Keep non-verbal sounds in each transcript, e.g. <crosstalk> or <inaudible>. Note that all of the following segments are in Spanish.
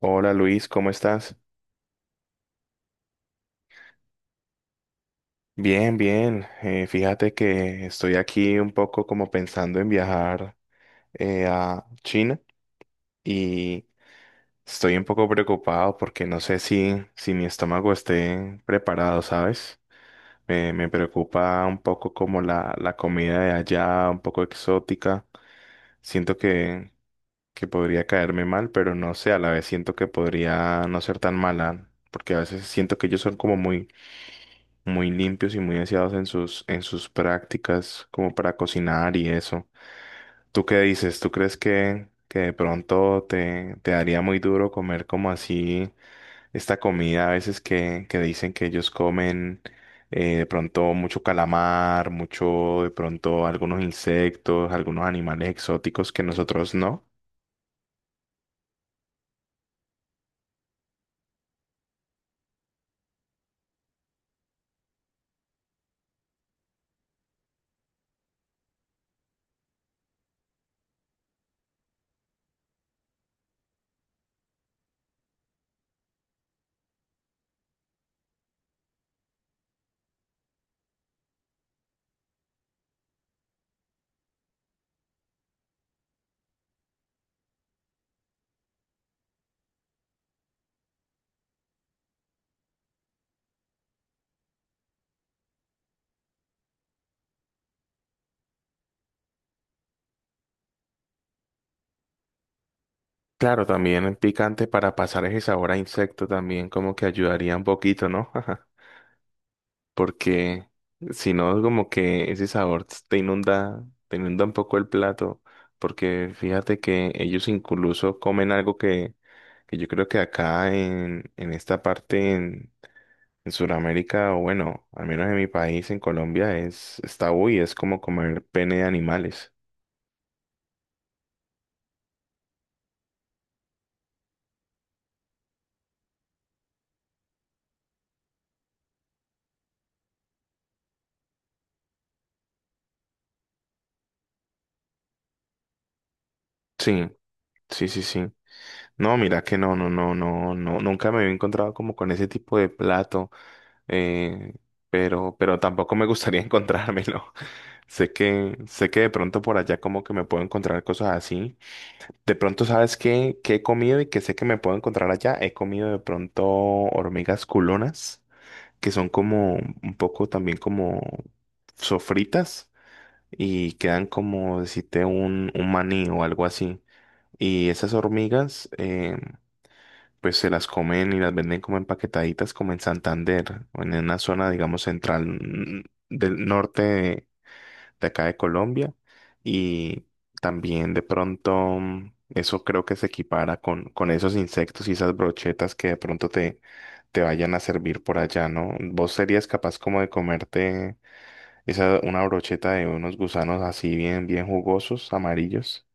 Hola Luis, ¿cómo estás? Bien, bien. Fíjate que estoy aquí un poco como pensando en viajar a China y estoy un poco preocupado porque no sé si mi estómago esté preparado, ¿sabes? Me preocupa un poco como la comida de allá, un poco exótica. Siento que, que podría caerme mal, pero no sé, a la vez siento que podría no ser tan mala, porque a veces siento que ellos son como muy muy limpios y muy aseados en en sus prácticas, como para cocinar y eso. ¿Tú qué dices? ¿Tú crees que de pronto te daría muy duro comer como así esta comida a veces que dicen que ellos comen de pronto mucho calamar, mucho de pronto algunos insectos, algunos animales exóticos que nosotros no? Claro, también el picante para pasar ese sabor a insecto también como que ayudaría un poquito, ¿no? <laughs> Porque si no, como que ese sabor te inunda un poco el plato, porque fíjate que ellos incluso comen algo que yo creo que acá en esta parte, en Sudamérica, o bueno, al menos en mi país, en Colombia, es tabú y es como comer pene de animales. Sí, sí, sí, sí. No, mira que no, no, no, no, no, nunca me había encontrado como con ese tipo de plato. eh, pero tampoco me gustaría <laughs> encontrármelo. Sé que de pronto por allá como que me puedo encontrar cosas así. De pronto, ¿sabes qué? ¿Qué he comido y que sé que me puedo encontrar allá? He comido de pronto hormigas culonas, que son como un poco también como sofritas y quedan como decirte un maní o algo así. Y esas hormigas pues se las comen y las venden como empaquetaditas como en Santander o en una zona, digamos, central del norte de acá de Colombia. Y también de pronto eso creo que se equipara con esos insectos y esas brochetas que de pronto te vayan a servir por allá, ¿no? ¿Vos serías capaz como de comerte esa, una brocheta de unos gusanos así bien, bien jugosos, amarillos?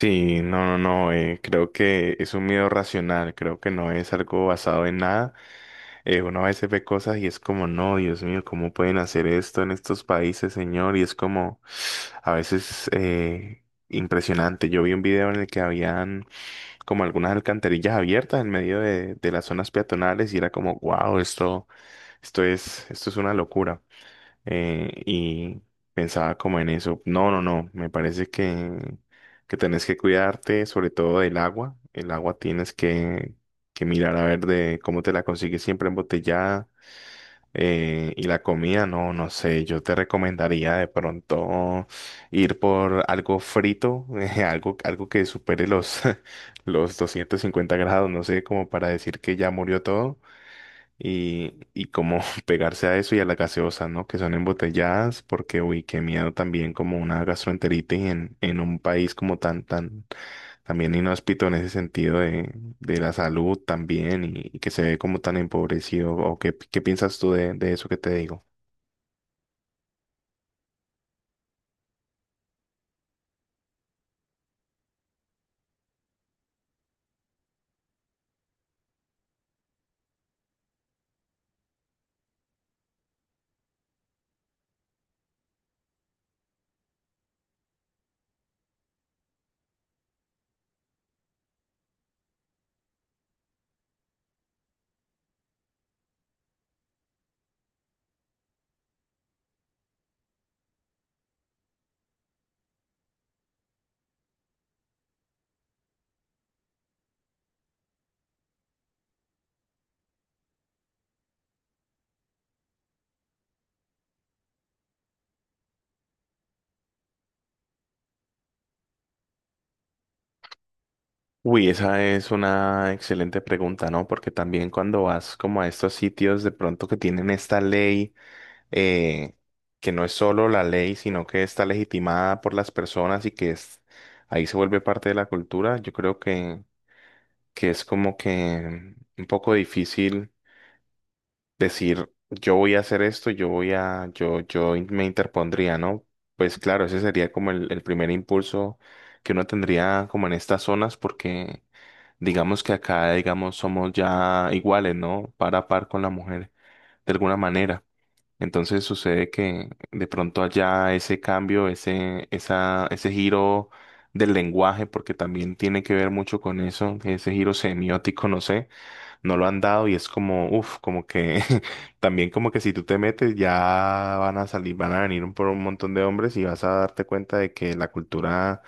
Sí, no, no, no, creo que es un miedo racional, creo que no es algo basado en nada. Uno a veces ve cosas y es como, no, Dios mío, ¿cómo pueden hacer esto en estos países, señor? Y es como, a veces, impresionante. Yo vi un video en el que habían como algunas alcantarillas abiertas en medio de las zonas peatonales y era como, wow, esto, esto es una locura y pensaba como en eso. No, no, no, me parece que tenés que cuidarte sobre todo del agua. El agua tienes que mirar a ver de cómo te la consigues siempre embotellada. Y la comida, no, no sé, yo te recomendaría de pronto ir por algo frito, <laughs> algo, algo que supere los, <laughs> los 250 grados, no sé, como para decir que ya murió todo y como <laughs> pegarse a eso y a las gaseosas, ¿no? Que son embotelladas, porque, uy, qué miedo también como una gastroenteritis en un país como tan, tan, también inhóspito en ese sentido de la salud también y que se ve como tan empobrecido. ¿O qué, qué piensas tú de eso que te digo? Uy, esa es una excelente pregunta, ¿no? Porque también cuando vas como a estos sitios de pronto que tienen esta ley, eh, que no es solo la ley, sino que está legitimada por las personas y que es, ahí se vuelve parte de la cultura, yo creo que es como que un poco difícil decir, yo voy a hacer esto, yo voy a, yo, me interpondría, ¿no? Pues claro, ese sería como el primer impulso que uno tendría como en estas zonas, porque digamos que acá, digamos, somos ya iguales, ¿no? Par a par con la mujer, de alguna manera. Entonces sucede que de pronto allá ese cambio, ese, esa, ese giro del lenguaje, porque también tiene que ver mucho con eso, ese giro semiótico, no sé, no lo han dado y es como, uff, como que <laughs> también como que si tú te metes ya van a salir, van a venir por un montón de hombres y vas a darte cuenta de que la cultura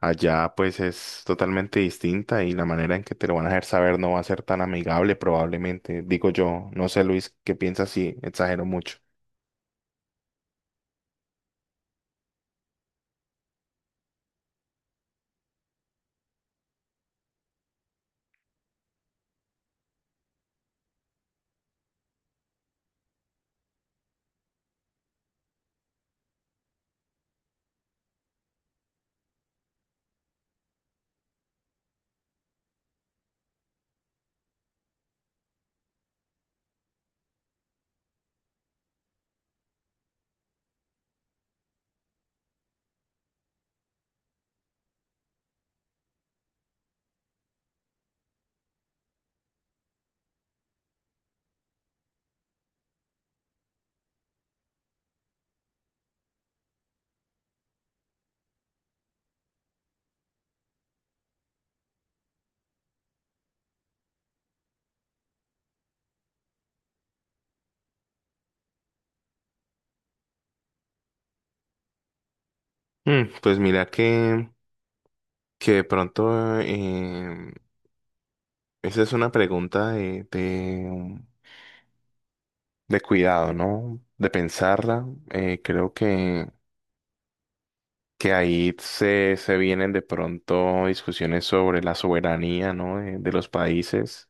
allá pues es totalmente distinta y la manera en que te lo van a hacer saber no va a ser tan amigable probablemente, digo yo, no sé Luis, ¿qué piensas si exagero mucho? Pues mira que de pronto esa es una pregunta de cuidado, ¿no? De pensarla. Creo que ahí se, se vienen de pronto discusiones sobre la soberanía, ¿no? De los países.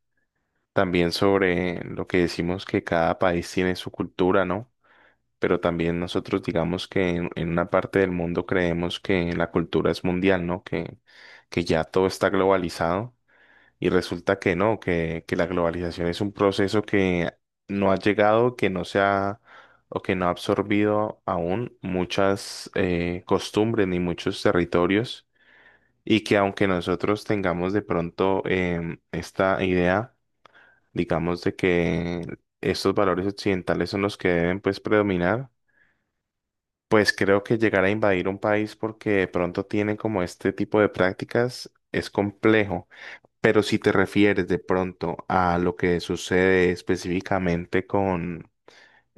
También sobre lo que decimos que cada país tiene su cultura, ¿no? Pero también nosotros digamos que en una parte del mundo creemos que la cultura es mundial, ¿no? Que ya todo está globalizado. Y resulta que no, que la globalización es un proceso que no ha llegado, que no se ha o que no ha absorbido aún muchas costumbres ni muchos territorios y que aunque nosotros tengamos de pronto esta idea, digamos, de que estos valores occidentales son los que deben pues predominar, pues creo que llegar a invadir un país porque de pronto tiene como este tipo de prácticas es complejo. Pero si te refieres de pronto a lo que sucede específicamente con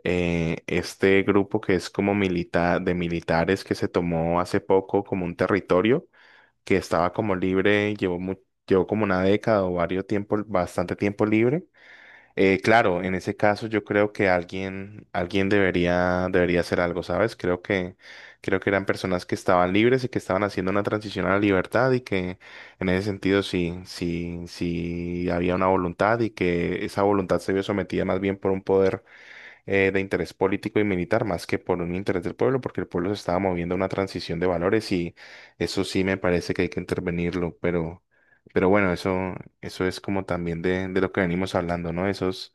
este grupo que es como militar de militares que se tomó hace poco como un territorio que estaba como libre, llevó, llevó como una década o varios tiempo, bastante tiempo libre claro, en ese caso yo creo que alguien, alguien debería, debería hacer algo, ¿sabes? Creo que eran personas que estaban libres y que estaban haciendo una transición a la libertad y que en ese sentido sí, sí, sí había una voluntad y que esa voluntad se vio sometida más bien por un poder de interés político y militar más que por un interés del pueblo, porque el pueblo se estaba moviendo a una transición de valores y eso sí me parece que hay que intervenirlo, pero bueno, eso es como también de lo que venimos hablando, ¿no? Esos,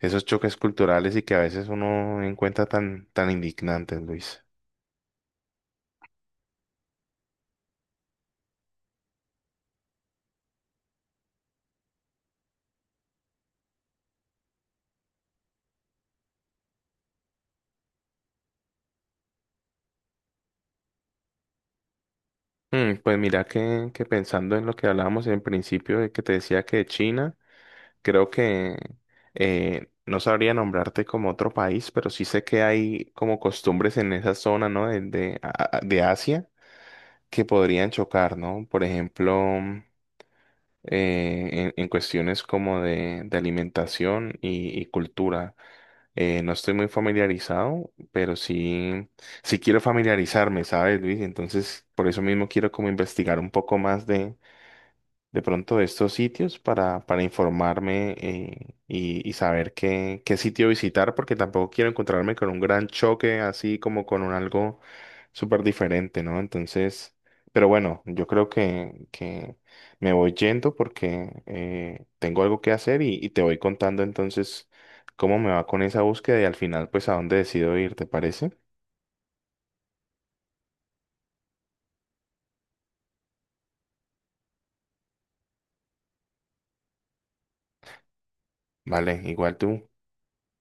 esos choques culturales y que a veces uno encuentra tan, tan indignantes, Luis. Pues mira que pensando en lo que hablábamos en principio, de que te decía que China. Creo que no sabría nombrarte como otro país, pero sí sé que hay como costumbres en esa zona, ¿no? De, de Asia que podrían chocar, ¿no? Por ejemplo, mm, en cuestiones como de alimentación y cultura. No estoy muy familiarizado, pero sí, sí quiero familiarizarme, ¿sabes, Luis? Entonces, por eso mismo quiero como investigar un poco más de pronto de estos sitios para informarme y saber qué, qué sitio visitar, porque tampoco quiero encontrarme con un gran choque, así como con un algo súper diferente, ¿no? Entonces, pero bueno, yo creo que me voy yendo porque tengo algo que hacer y te voy contando entonces cómo me va con esa búsqueda y al final, pues, a dónde decido ir, ¿te parece? Vale, igual tú.